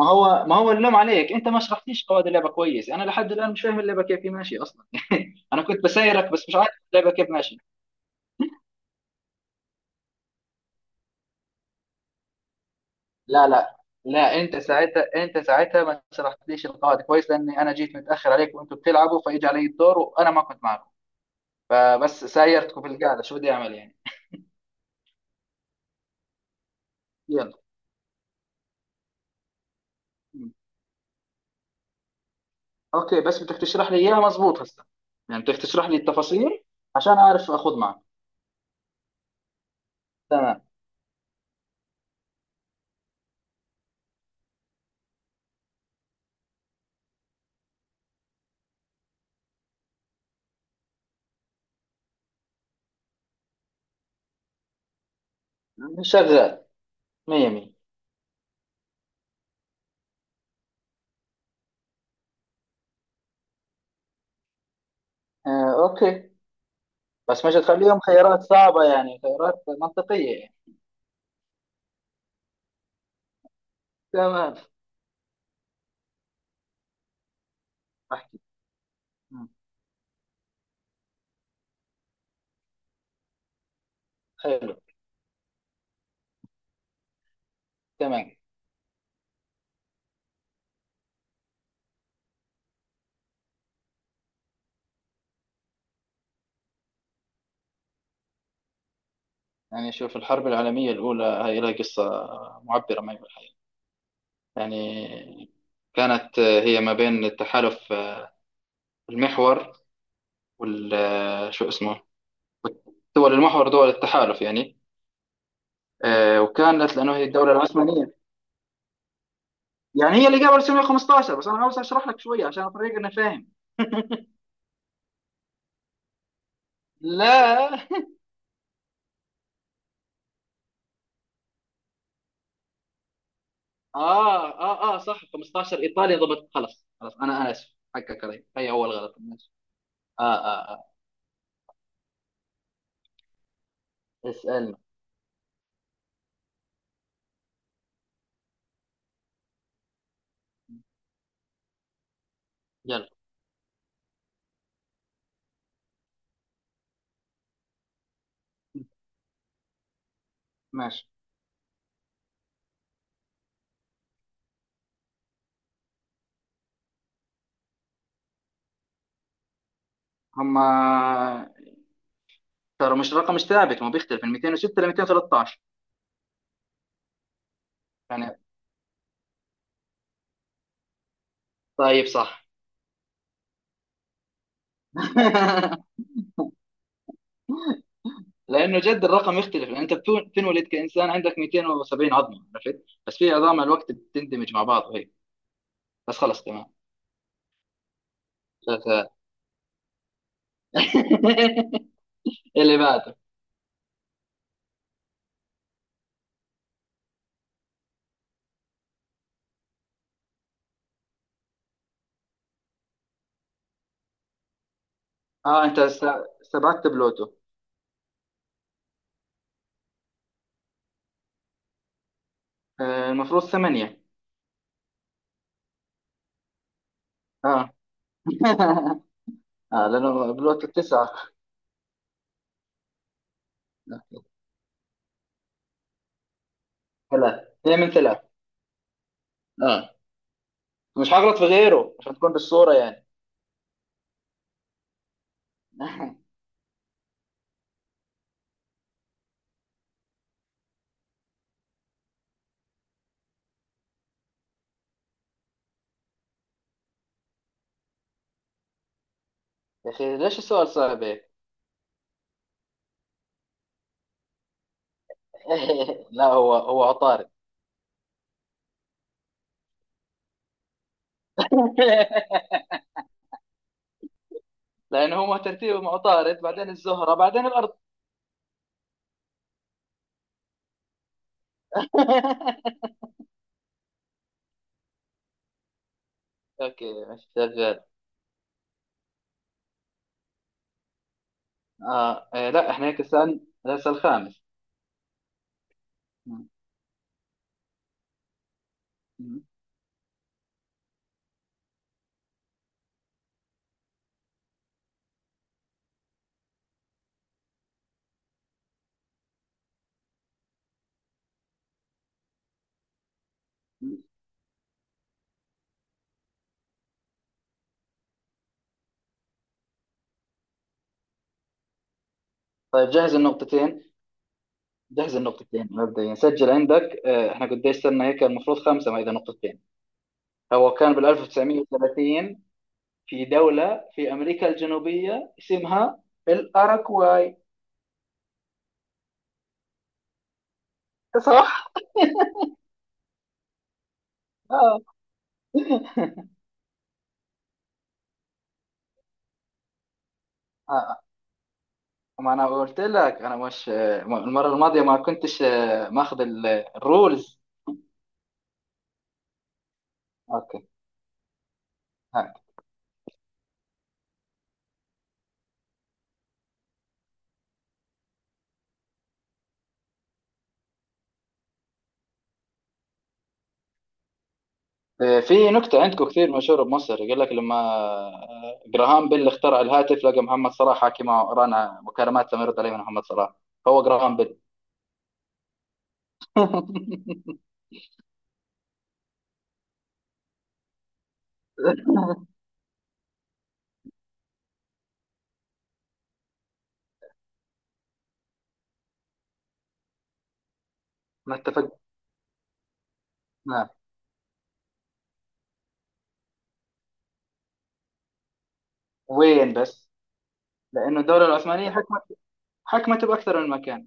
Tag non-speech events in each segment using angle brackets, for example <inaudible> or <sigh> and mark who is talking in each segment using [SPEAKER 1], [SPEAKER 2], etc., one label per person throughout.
[SPEAKER 1] ما هو اللوم عليك، انت ما شرحتيش قواعد اللعبه كويس. انا لحد الان مش فاهم اللعبه كيف هي ماشيه اصلا. <laughs> انا كنت بسيرك بس مش عارف اللعبه كيف ماشيه. لا، لا، لا، انت ساعتها ما شرحتليش القواعد كويس، لاني انا جيت متاخر عليك وانتم بتلعبوا، فاجى علي الدور وانا ما كنت معكم. فبس سايرتكم في القعده، شو بدي اعمل يعني؟ يلا. م. اوكي، بس بدك تشرح لي اياها مزبوط هسه، يعني بدك تشرح لي التفاصيل عشان اعرف اخذ معك. تمام. شغال. 100 100. آه، اوكي. بس مش تخليهم خيارات صعبة، يعني خيارات منطقية يعني. تمام. أحكي. مم. حلو. تمام. يعني شوف، الحرب العالمية الأولى هي لها قصة معبرة ما بالحقيقة يعني. كانت هي ما بين التحالف المحور وال شو اسمه، دول المحور دول التحالف يعني، وكانت لأنه هي الدولة العثمانية. يعني هي اللي قبل 1915، بس أنا عاوز أشرح لك شوية عشان الطريق أنا فاهم. <laughs> لا. اه، اه، اه، صح، 15، ايطاليا، ضبط. خلاص، خلاص، انا اسف، حقك علي، هي اول غلط، ماشي. اه، اه، اه. اسالنا. يلا. ماشي. هم ترى مش رقم، مش ثابت، ما بيختلف من 206 ل 213 يعني. طيب، صح. <laughs> لانه جد الرقم يختلف، لان انت بتنولد كانسان عندك 270 عظمه، عرفت، بس في عظام مع الوقت بتندمج مع بعض وهيك. بس خلص، تمام. شغال. <laughs> اللي بعده. اه، انت سبعت بلوتو. آه، المفروض ثمانيه. اه. <laughs> اه، لانه بالوقت التسعة. ثلاثة، هي من ثلاثة. اه، مش هغلط في غيره عشان تكون بالصورة يعني. <laughs> يا اخي، ليش السؤال صعب هيك؟ <laughs> لا، هو هو عطارد. <laughs> لانه هو ترتيبهم عطارد، بعدين الزهرة، بعدين الارض. <laughs> اوكي، مش شغال. اه، إيه، لا، احنا هيك السؤال الخامس. م- م- م. طيب جهز النقطتين. جهز النقطتين مبدئيا، سجل عندك. احنا قديش صرنا هيك؟ المفروض خمسة ما اذا نقطتين. هو كان بال 1930 في دولة في أمريكا الجنوبية اسمها الأراكواي. صح؟ آه. آه. ما أنا قلت لك أنا مش المرة الماضية ما كنتش ماخذ الرولز. أوكي. هاي. في نكتة عندكم كثير مشهورة بمصر، يقول لك لما جراهام بيل اخترع الهاتف لقى محمد صلاح حاكي معه، رانا مكالمات لم يرد عليه من محمد صلاح، هو جراهام بيل. <laughs> ما اتفقنا. وين بس؟ لأنه الدولة العثمانية حكمت بأكثر من مكان،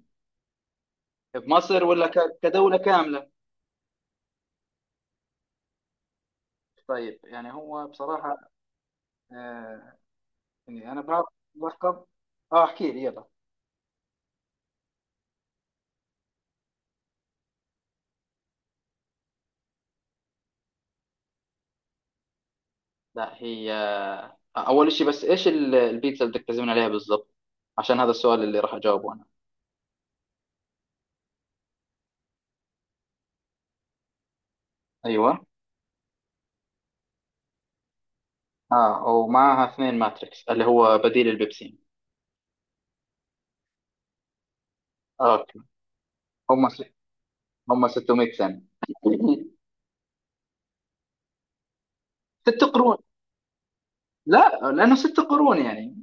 [SPEAKER 1] بمصر ولا كدولة كاملة؟ طيب. يعني هو بصراحة آه، يعني أنا بعرف بحكم. احكي لي، يلا. لا، هي أول شيء، بس إيش البيتزا اللي بدك تعزمني عليها بالضبط؟ عشان هذا السؤال اللي راح أجاوبه أنا. أيوه. ومعها اثنين ماتريكس اللي هو بديل البيبسين. أوكي. هم س... هم 600 سنة. <laughs> ست قرون. لا، لأنه ست قرون يعني،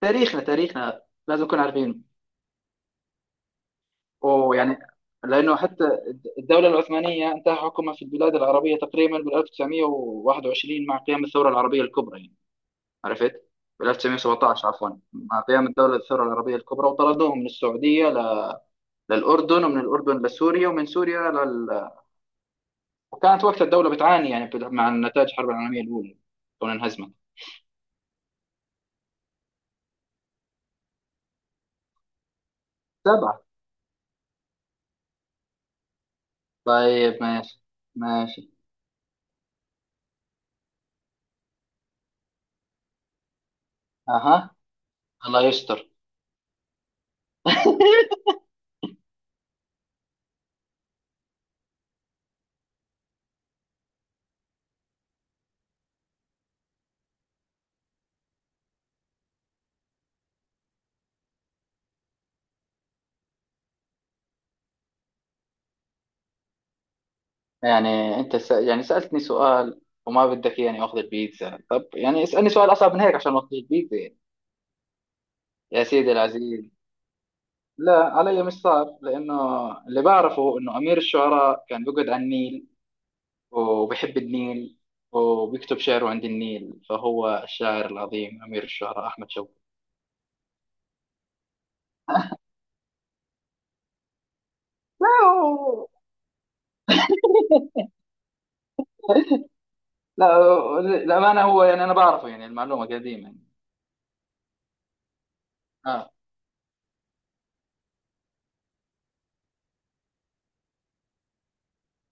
[SPEAKER 1] تاريخنا، تاريخنا لازم نكون عارفين، ويعني لأنه حتى الدولة العثمانية انتهى حكمها في البلاد العربية تقريبا بال 1921 مع قيام الثورة العربية الكبرى يعني. عرفت؟ بال 1917 عفوا، مع قيام الدولة الثورة العربية الكبرى، وطردوهم من السعودية للأردن، ومن الأردن لسوريا، ومن سوريا وكانت وقت الدولة بتعاني يعني مع نتائج الحرب العالمية الأولى، كون انهزمت. سبعة. طيب ماشي. ماشي. أها. الله يستر. <laughs> يعني انت يعني سألتني سؤال، وما بدك يعني اخذ البيتزا؟ طب يعني اسألني سؤال اصعب من هيك عشان ما اخذ البيتزا يعني. يا سيدي العزيز، لا، علي مش صعب، لانه اللي بعرفه انه امير الشعراء كان بيقعد على النيل، وبيحب النيل، وبيكتب شعره عند النيل، فهو الشاعر العظيم امير الشعراء احمد شوقي. لا لا، للامانه هو، يعني انا بعرفه، يعني المعلومه قديمه يعني. اه.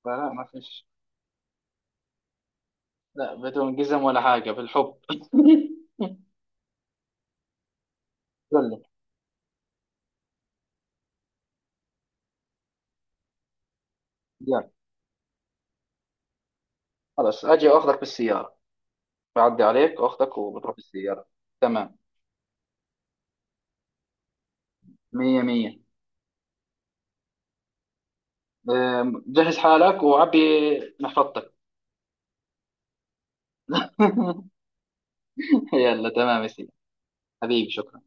[SPEAKER 1] فلا ما فيش، لا بدون قزم ولا حاجه، بالحب. <laughs> قول لي. يلا. خلاص، اجي واخدك بالسياره، بعدي عليك واخدك وبتروح بالسياره. تمام. مية مية. جهز حالك وعبي محفظتك. <laughs> يلا، تمام يا سيدي. حبيبي، شكرا.